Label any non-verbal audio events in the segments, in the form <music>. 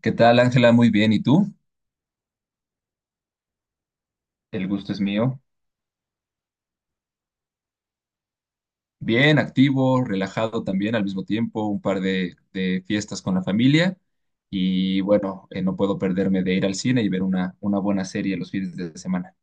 ¿Qué tal, Ángela? Muy bien. ¿Y tú? El gusto es mío. Bien, activo, relajado también al mismo tiempo, un par de fiestas con la familia y bueno, no puedo perderme de ir al cine y ver una buena serie los fines de semana.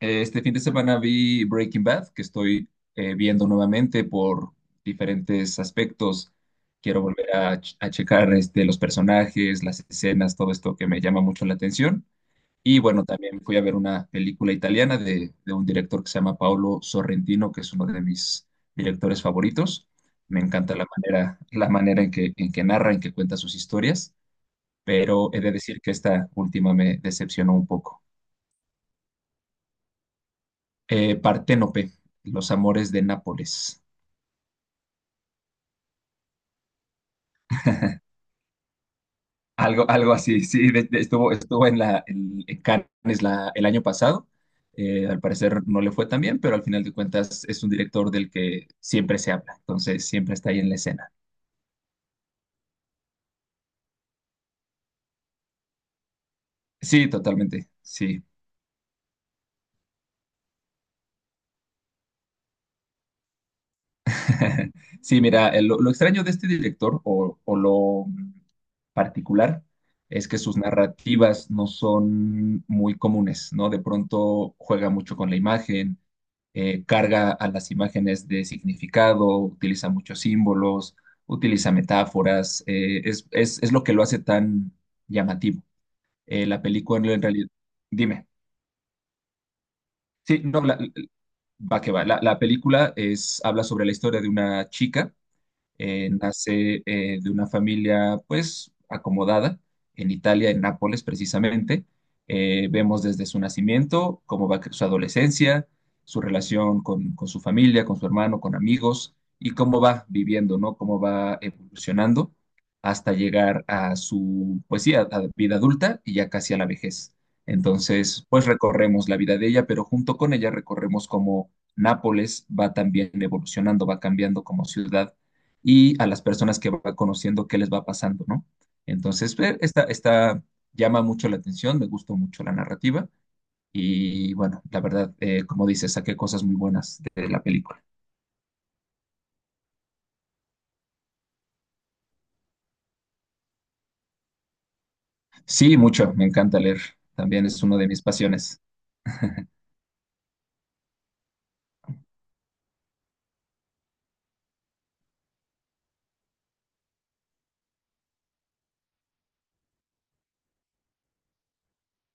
Este fin de semana vi Breaking Bad, que estoy viendo nuevamente por diferentes aspectos. Quiero a checar este, los personajes, las escenas, todo esto que me llama mucho la atención. Y bueno, también fui a ver una película italiana de un director que se llama Paolo Sorrentino, que es uno de mis directores favoritos. Me encanta la manera en que narra, en que cuenta sus historias, pero he de decir que esta última me decepcionó un poco. Parténope, Los amores de Nápoles. <laughs> Algo así, sí, estuvo en Cannes el año pasado. Al parecer no le fue tan bien, pero al final de cuentas es un director del que siempre se habla, entonces siempre está ahí en la escena. Sí, totalmente, sí. <laughs> Sí, mira, lo extraño de este director, o lo particular es que sus narrativas no son muy comunes, ¿no? De pronto juega mucho con la imagen, carga a las imágenes de significado, utiliza muchos símbolos, utiliza metáforas, es lo que lo hace tan llamativo. La película en realidad, dime, sí, no, la- va que va, la película es, habla sobre la historia de una chica nace de una familia pues acomodada en Italia, en Nápoles precisamente. Vemos desde su nacimiento cómo su adolescencia, su relación con su familia, con su hermano, con amigos y cómo va viviendo, ¿no? Cómo va evolucionando hasta llegar a su, pues sí, a vida adulta y ya casi a la vejez. Entonces, pues recorremos la vida de ella, pero junto con ella recorremos cómo Nápoles va también evolucionando, va cambiando como ciudad y a las personas que va conociendo qué les va pasando, ¿no? Entonces, esta llama mucho la atención, me gustó mucho la narrativa y bueno, la verdad, como dices, saqué cosas muy buenas de la película. Sí, mucho, me encanta leer, también es una de mis pasiones.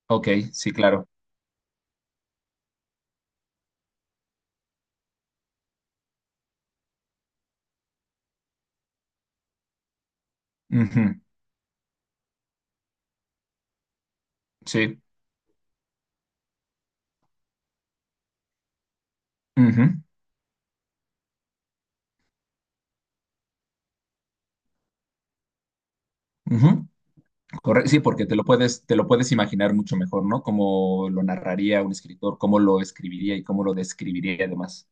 Ok, sí, claro. Ujú. Sí. Ujú, ujú. Sí, porque te lo puedes imaginar mucho mejor, ¿no? Cómo lo narraría un escritor, cómo lo escribiría y cómo lo describiría además.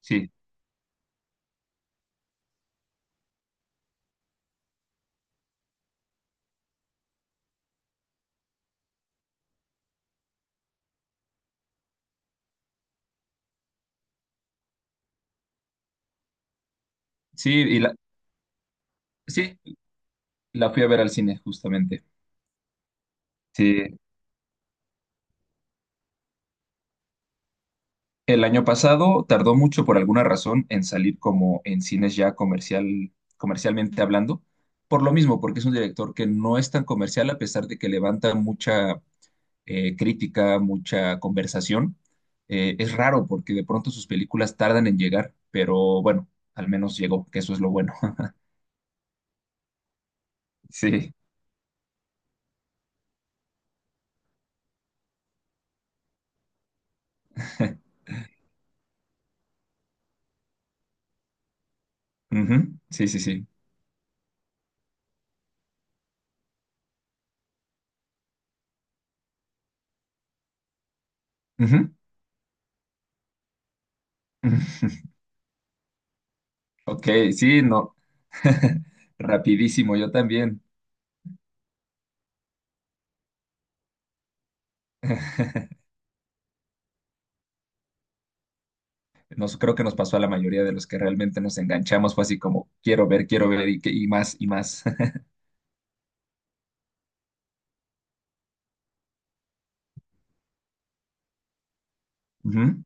Sí, sí, sí, la fui a ver al cine, justamente. Sí. El año pasado tardó mucho por alguna razón en salir como en cines ya comercial, comercialmente hablando, por lo mismo, porque es un director que no es tan comercial a pesar de que levanta mucha crítica, mucha conversación. Es raro porque de pronto sus películas tardan en llegar, pero bueno, al menos llegó, que eso es lo bueno. <laughs> Sí. Ujú. Sí, sí, sí. Ujú. <laughs> Ok, sí, no. <laughs> Rapidísimo, yo también. <laughs> Nos, creo que nos pasó a la mayoría de los que realmente nos enganchamos, fue así como, quiero ver y, y más y más. <laughs> Ujú.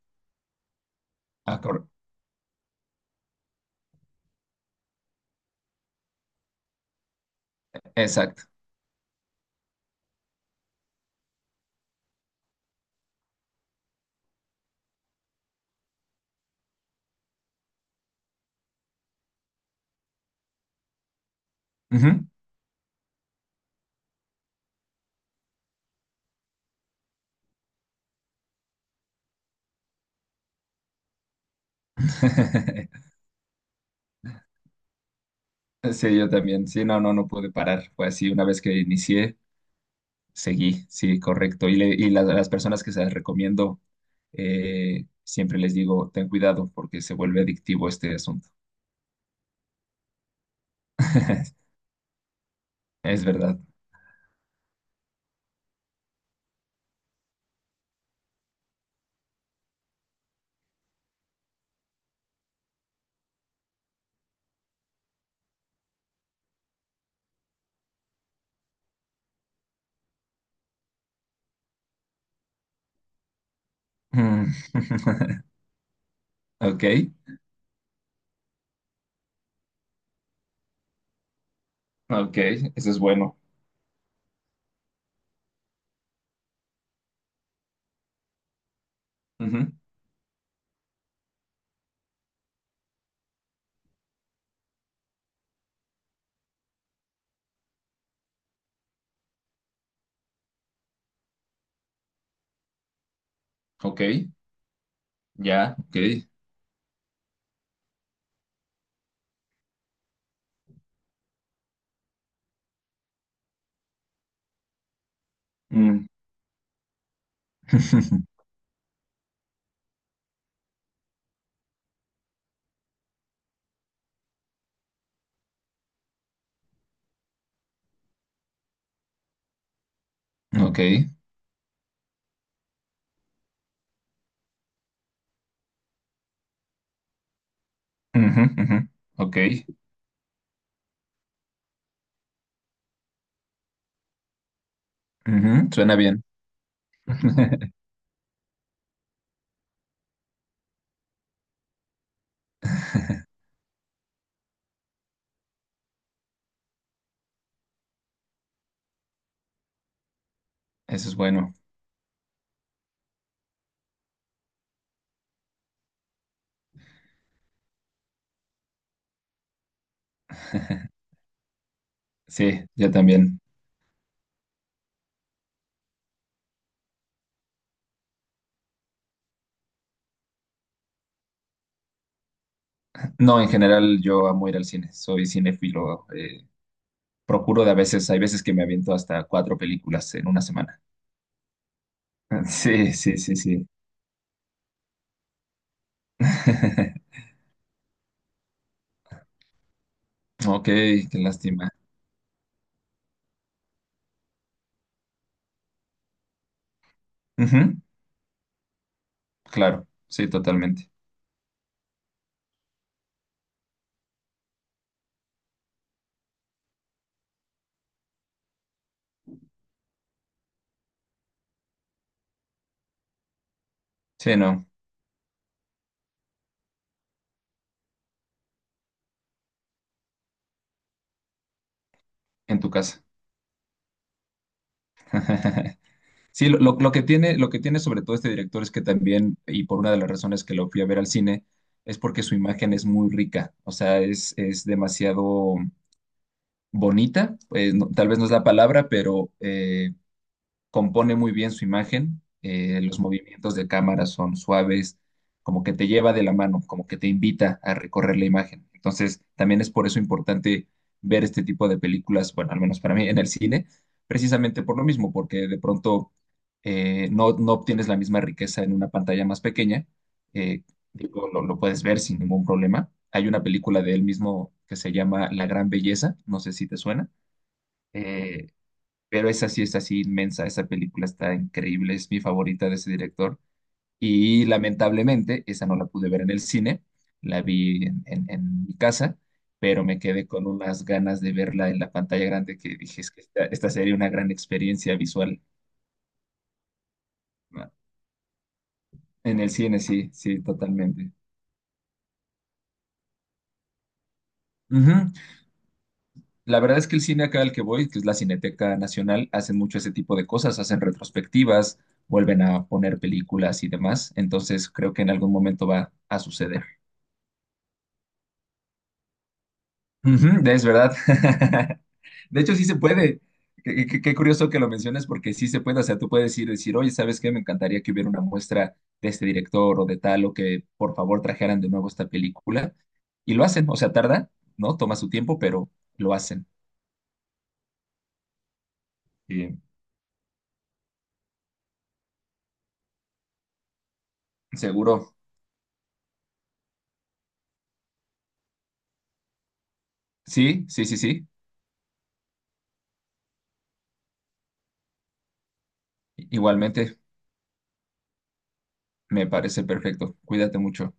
Ah, cor- Exacto. Ujú. <laughs> Sí, yo también. Sí, no, no, no pude parar. Fue así, una vez que inicié, seguí, sí, correcto. Y, las personas que se las recomiendo, siempre les digo, ten cuidado porque se vuelve adictivo este asunto. <laughs> Es verdad. Mm. <laughs> Ok, ok, eso es bueno. Ujú. Ok, ya, ok. Mm. <laughs> Ok. Ujú, ujú. Ok. Ujú. Suena bien. <laughs> Eso es bueno. <laughs> Sí, yo también. No, en general yo amo ir al cine. Soy cinéfilo. Procuro de a veces, hay veces que me aviento hasta cuatro películas en una semana. <laughs> Sí, sí, sí, sí. <laughs> Ok, qué lástima. Ujú. Claro, sí, totalmente. Sí, no, en tu casa. <laughs> Sí, lo que tiene sobre todo este director es que también, y por una de las razones que lo fui a ver al cine, es porque su imagen es muy rica, o sea, es demasiado bonita, pues, no tal vez no es la palabra, pero compone muy bien su imagen, los movimientos de cámara son suaves, como que te lleva de la mano, como que te invita a recorrer la imagen. Entonces, también es por eso importante ver este tipo de películas, bueno, al menos para mí, en el cine, precisamente por lo mismo, porque de pronto no obtienes la misma riqueza en una pantalla más pequeña, eh, digo, lo puedes ver sin ningún problema. Hay una película de él mismo que se llama La Gran Belleza, no sé si te suena. Eh, pero esa sí es así inmensa, esa película está increíble, es mi favorita de ese director. Y lamentablemente, esa no la pude ver en el cine, la vi en mi casa, pero me quedé con unas ganas de verla en la pantalla grande que dije, es que esta sería una gran experiencia visual. ¿No? En el cine, sí, sí, totalmente. Ujú. La verdad es que el cine acá al que voy, que es la Cineteca Nacional, hacen mucho ese tipo de cosas, hacen retrospectivas, vuelven a poner películas y demás, entonces creo que en algún momento va a suceder. Ujú, es verdad. <laughs> De hecho, sí se puede. Qué curioso que lo menciones porque sí se puede. O sea, tú puedes ir y decir, oye, ¿sabes qué? Me encantaría que hubiera una muestra de este director o de tal, o que por favor trajeran de nuevo esta película. Y lo hacen. O sea, tarda, ¿no? Toma su tiempo, pero lo hacen. Y seguro. Sí, sí, sí, sí. Igualmente, me parece perfecto. Cuídate mucho.